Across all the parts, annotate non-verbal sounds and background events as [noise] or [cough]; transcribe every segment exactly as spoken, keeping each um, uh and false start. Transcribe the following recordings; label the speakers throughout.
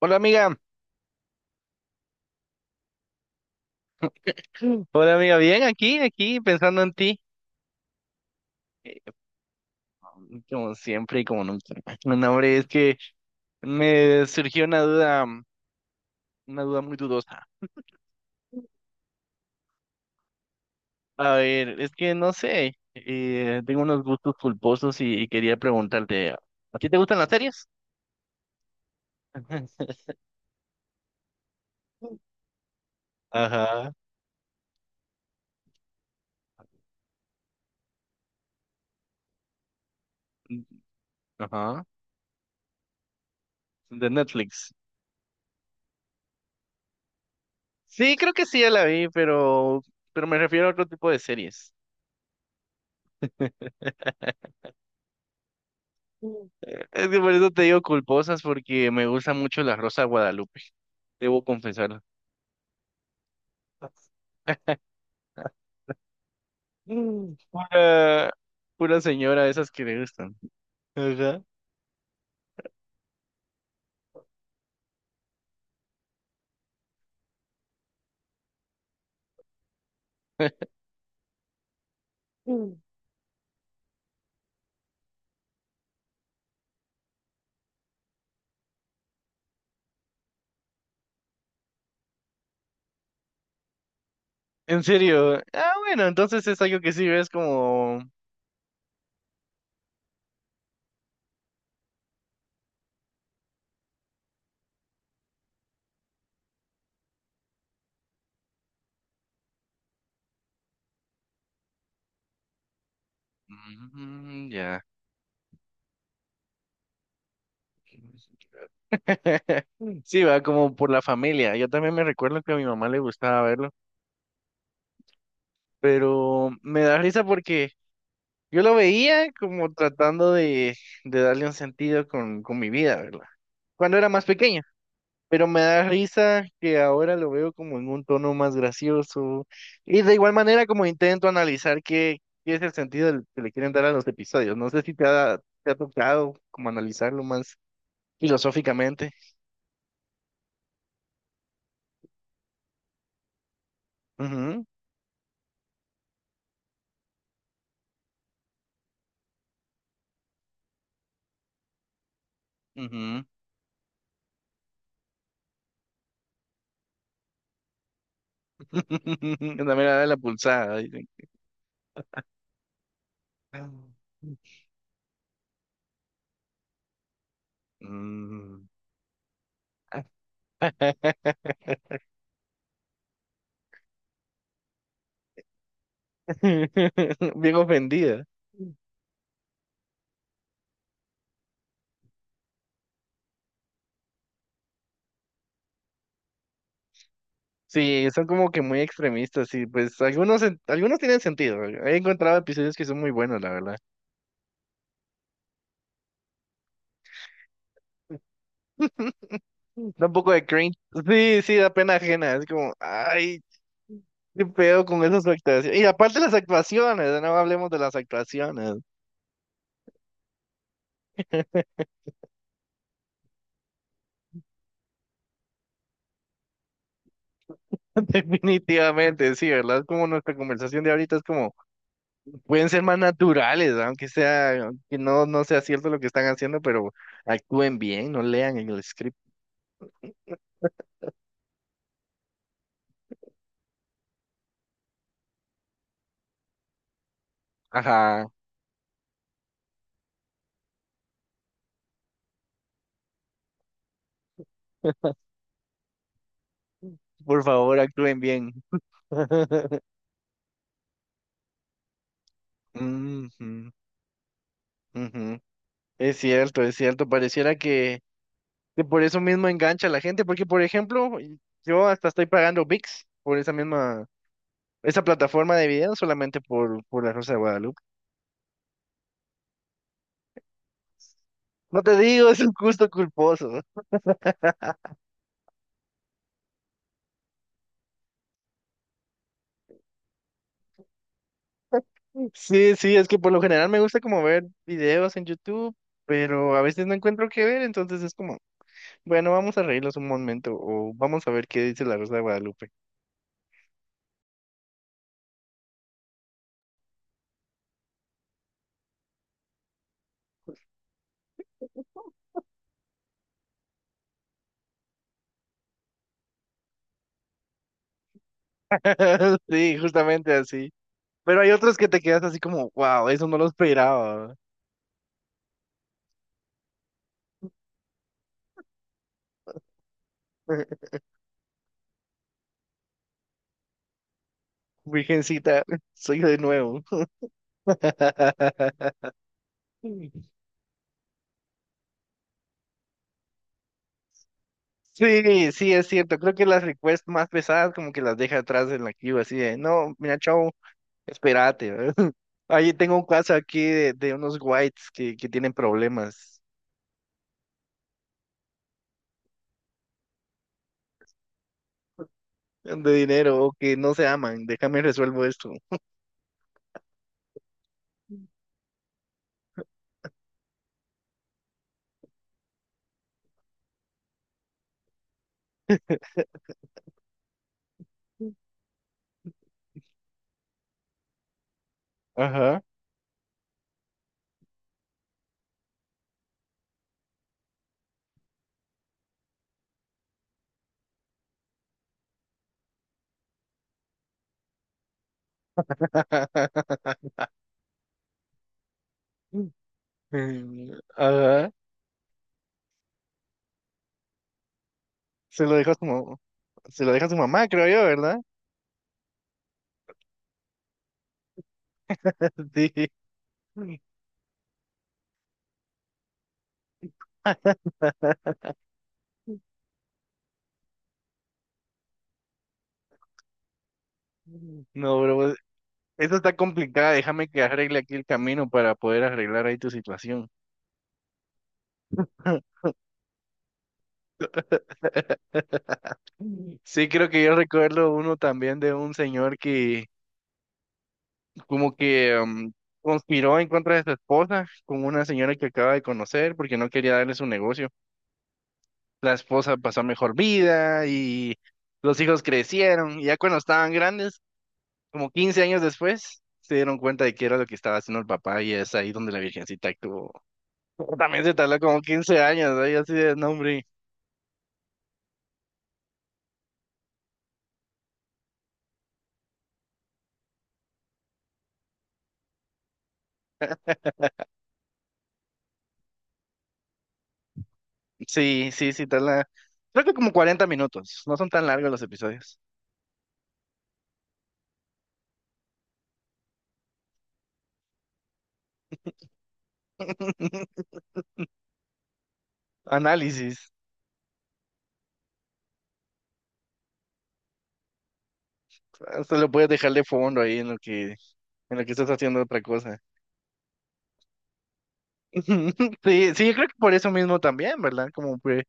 Speaker 1: Hola amiga, hola amiga, bien, aquí, aquí, pensando en ti. Eh, Como siempre y como nunca. [laughs] No, hombre, es que me surgió una duda, mm, una duda muy dudosa. A ver, es que no sé, eh, tengo unos gustos culposos y, y quería preguntarte, ¿a ti te gustan las series? [laughs] Ajá, ajá, de Netflix. Sí, creo que sí, ya la vi, pero, pero me refiero a otro tipo de series. Eh, Es que por eso te digo culposas, porque me gusta mucho La Rosa de Guadalupe. Debo confesar. Mm, pura, pura señora, esas que le gustan. Ajá. [laughs] Mm. En serio. Ah, bueno, entonces es algo que sí ves como. Mm, ya. [laughs] Sí, va como por la familia. Yo también me recuerdo que a mi mamá le gustaba verlo, pero me da risa porque yo lo veía como tratando de, de darle un sentido con, con mi vida, ¿verdad? Cuando era más pequeño. Pero me da risa que ahora lo veo como en un tono más gracioso. Y de igual manera como intento analizar qué, qué es el sentido del- que le quieren dar a los episodios. No sé si te ha, te ha tocado como analizarlo más filosóficamente. Ujú, ujú. [laughs] La mirada de la pulsada, dicen. Mm. [laughs] Bien ofendida. [laughs] Sí, son como que muy extremistas, y pues algunos, en- algunos tienen sentido. He encontrado episodios que son muy buenos, la verdad. Da un poco de cringe. Sí, sí, da pena ajena. Es como, ay, qué pedo con esas actuaciones. Y aparte las actuaciones, no hablemos de las actuaciones. [laughs] Definitivamente, sí, ¿verdad? Es como nuestra conversación de ahorita es como, pueden ser más naturales, aunque sea, que no, no sea cierto lo que están haciendo, pero actúen bien, no lean en el script. Ajá, por favor, actúen bien. [laughs] Ujú. Ujú, es cierto, es cierto. Pareciera que, que por eso mismo engancha a la gente, porque por ejemplo, y- yo hasta estoy pagando ViX por esa misma, esa plataforma de video solamente por, por La Rosa de Guadalupe. No te digo, [laughs] es un gusto culposo. Sí, sí, es que por lo general me gusta como ver videos en YouTube, pero a veces no encuentro qué ver, entonces es como, bueno, vamos a reírnos un momento o vamos a ver qué dice La Rosa de Guadalupe. [laughs] Sí, justamente así. Pero hay otros que te quedas así como, wow, eso no lo esperaba. Virgencita, [laughs] soy yo de nuevo. [laughs] Sí, sí, es cierto. Creo que las requests más pesadas como que las deja atrás en la queue, así de, no, mira, chao, espérate. ¿Verdad? [laughs] Ahí tengo un caso aquí de, de unos whites que, que tienen problemas de dinero o que no se aman. Déjame resuelvo esto. Ajá. [laughs] Mm, ajá. Se lo dejo a su, mam- se lo deja a su mamá, creo yo, ¿verdad? [laughs] Sí. [laughs] No, bro, esta está complicada, déjame que arregle aquí el camino para poder arreglar ahí tu situación. [laughs] Sí, creo que yo recuerdo uno también de un señor que como que em, conspiró en contra de su esposa con una señora que acaba de conocer porque no quería darle su negocio. La esposa pasó mejor vida y los hijos crecieron y ya cuando estaban grandes, como quince años después, se dieron cuenta de que era lo que estaba haciendo el papá y es ahí donde la virgencita actuó. [laughs] También se tardó como quince años, ahí así de nombre. Sí, sí, sí, tarda. Creo que como cuarenta minutos. No son tan largos los episodios. [laughs] Análisis. Hasta lo puedes dejar de fondo ahí en lo que, en lo que estás haciendo otra cosa. [laughs] Sí, sí, yo creo que por eso mismo también, ¿verdad? Como que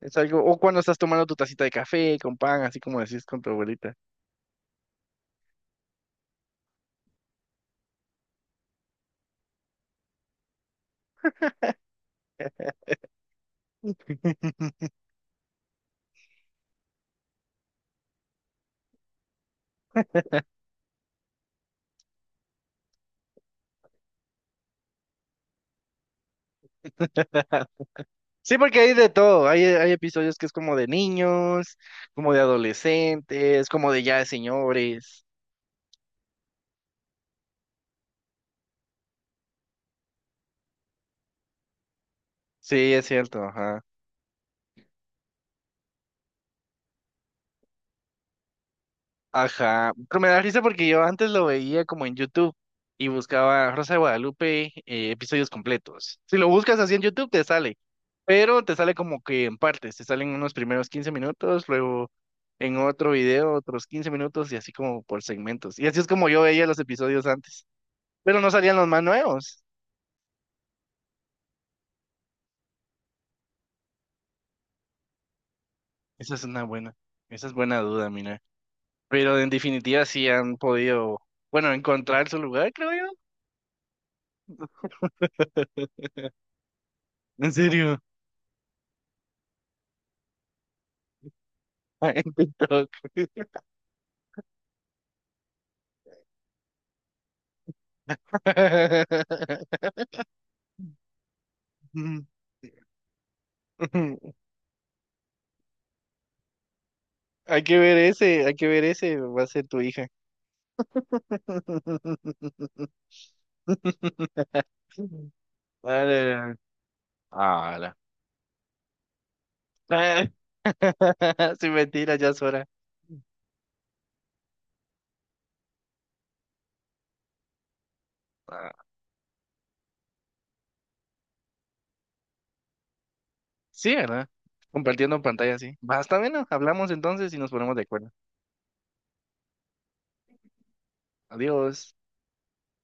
Speaker 1: es algo, o cuando estás tomando tu tacita de café con pan, así como decís con tu abuelita. [laughs] Sí, porque hay de todo. Hay, hay episodios que es como de niños, como de adolescentes, como de ya de señores. Sí, es cierto, ajá. Ajá, pero me da risa porque yo antes lo veía como en YouTube y buscaba Rosa de Guadalupe eh, episodios completos. Si lo buscas así en YouTube te sale, pero te sale como que en partes, te salen unos primeros quince minutos, luego en otro video otros quince minutos y así como por segmentos. Y así es como yo veía los episodios antes, pero no salían los más nuevos. Esa es una buena, esa es buena duda, mira. Pero en definitiva sí han podido, bueno, encontrar su lugar, creo yo. En serio, [laughs] en TikTok. [laughs] Hay que ver ese, hay que ver ese, va a ser tu hija. [laughs] Vale. Ala. [laughs] Sin mentira, ya es hora. Ah, sí, ¿verdad? Compartiendo pantalla, sí. Basta, bueno, hablamos entonces y nos ponemos de acuerdo. Adiós.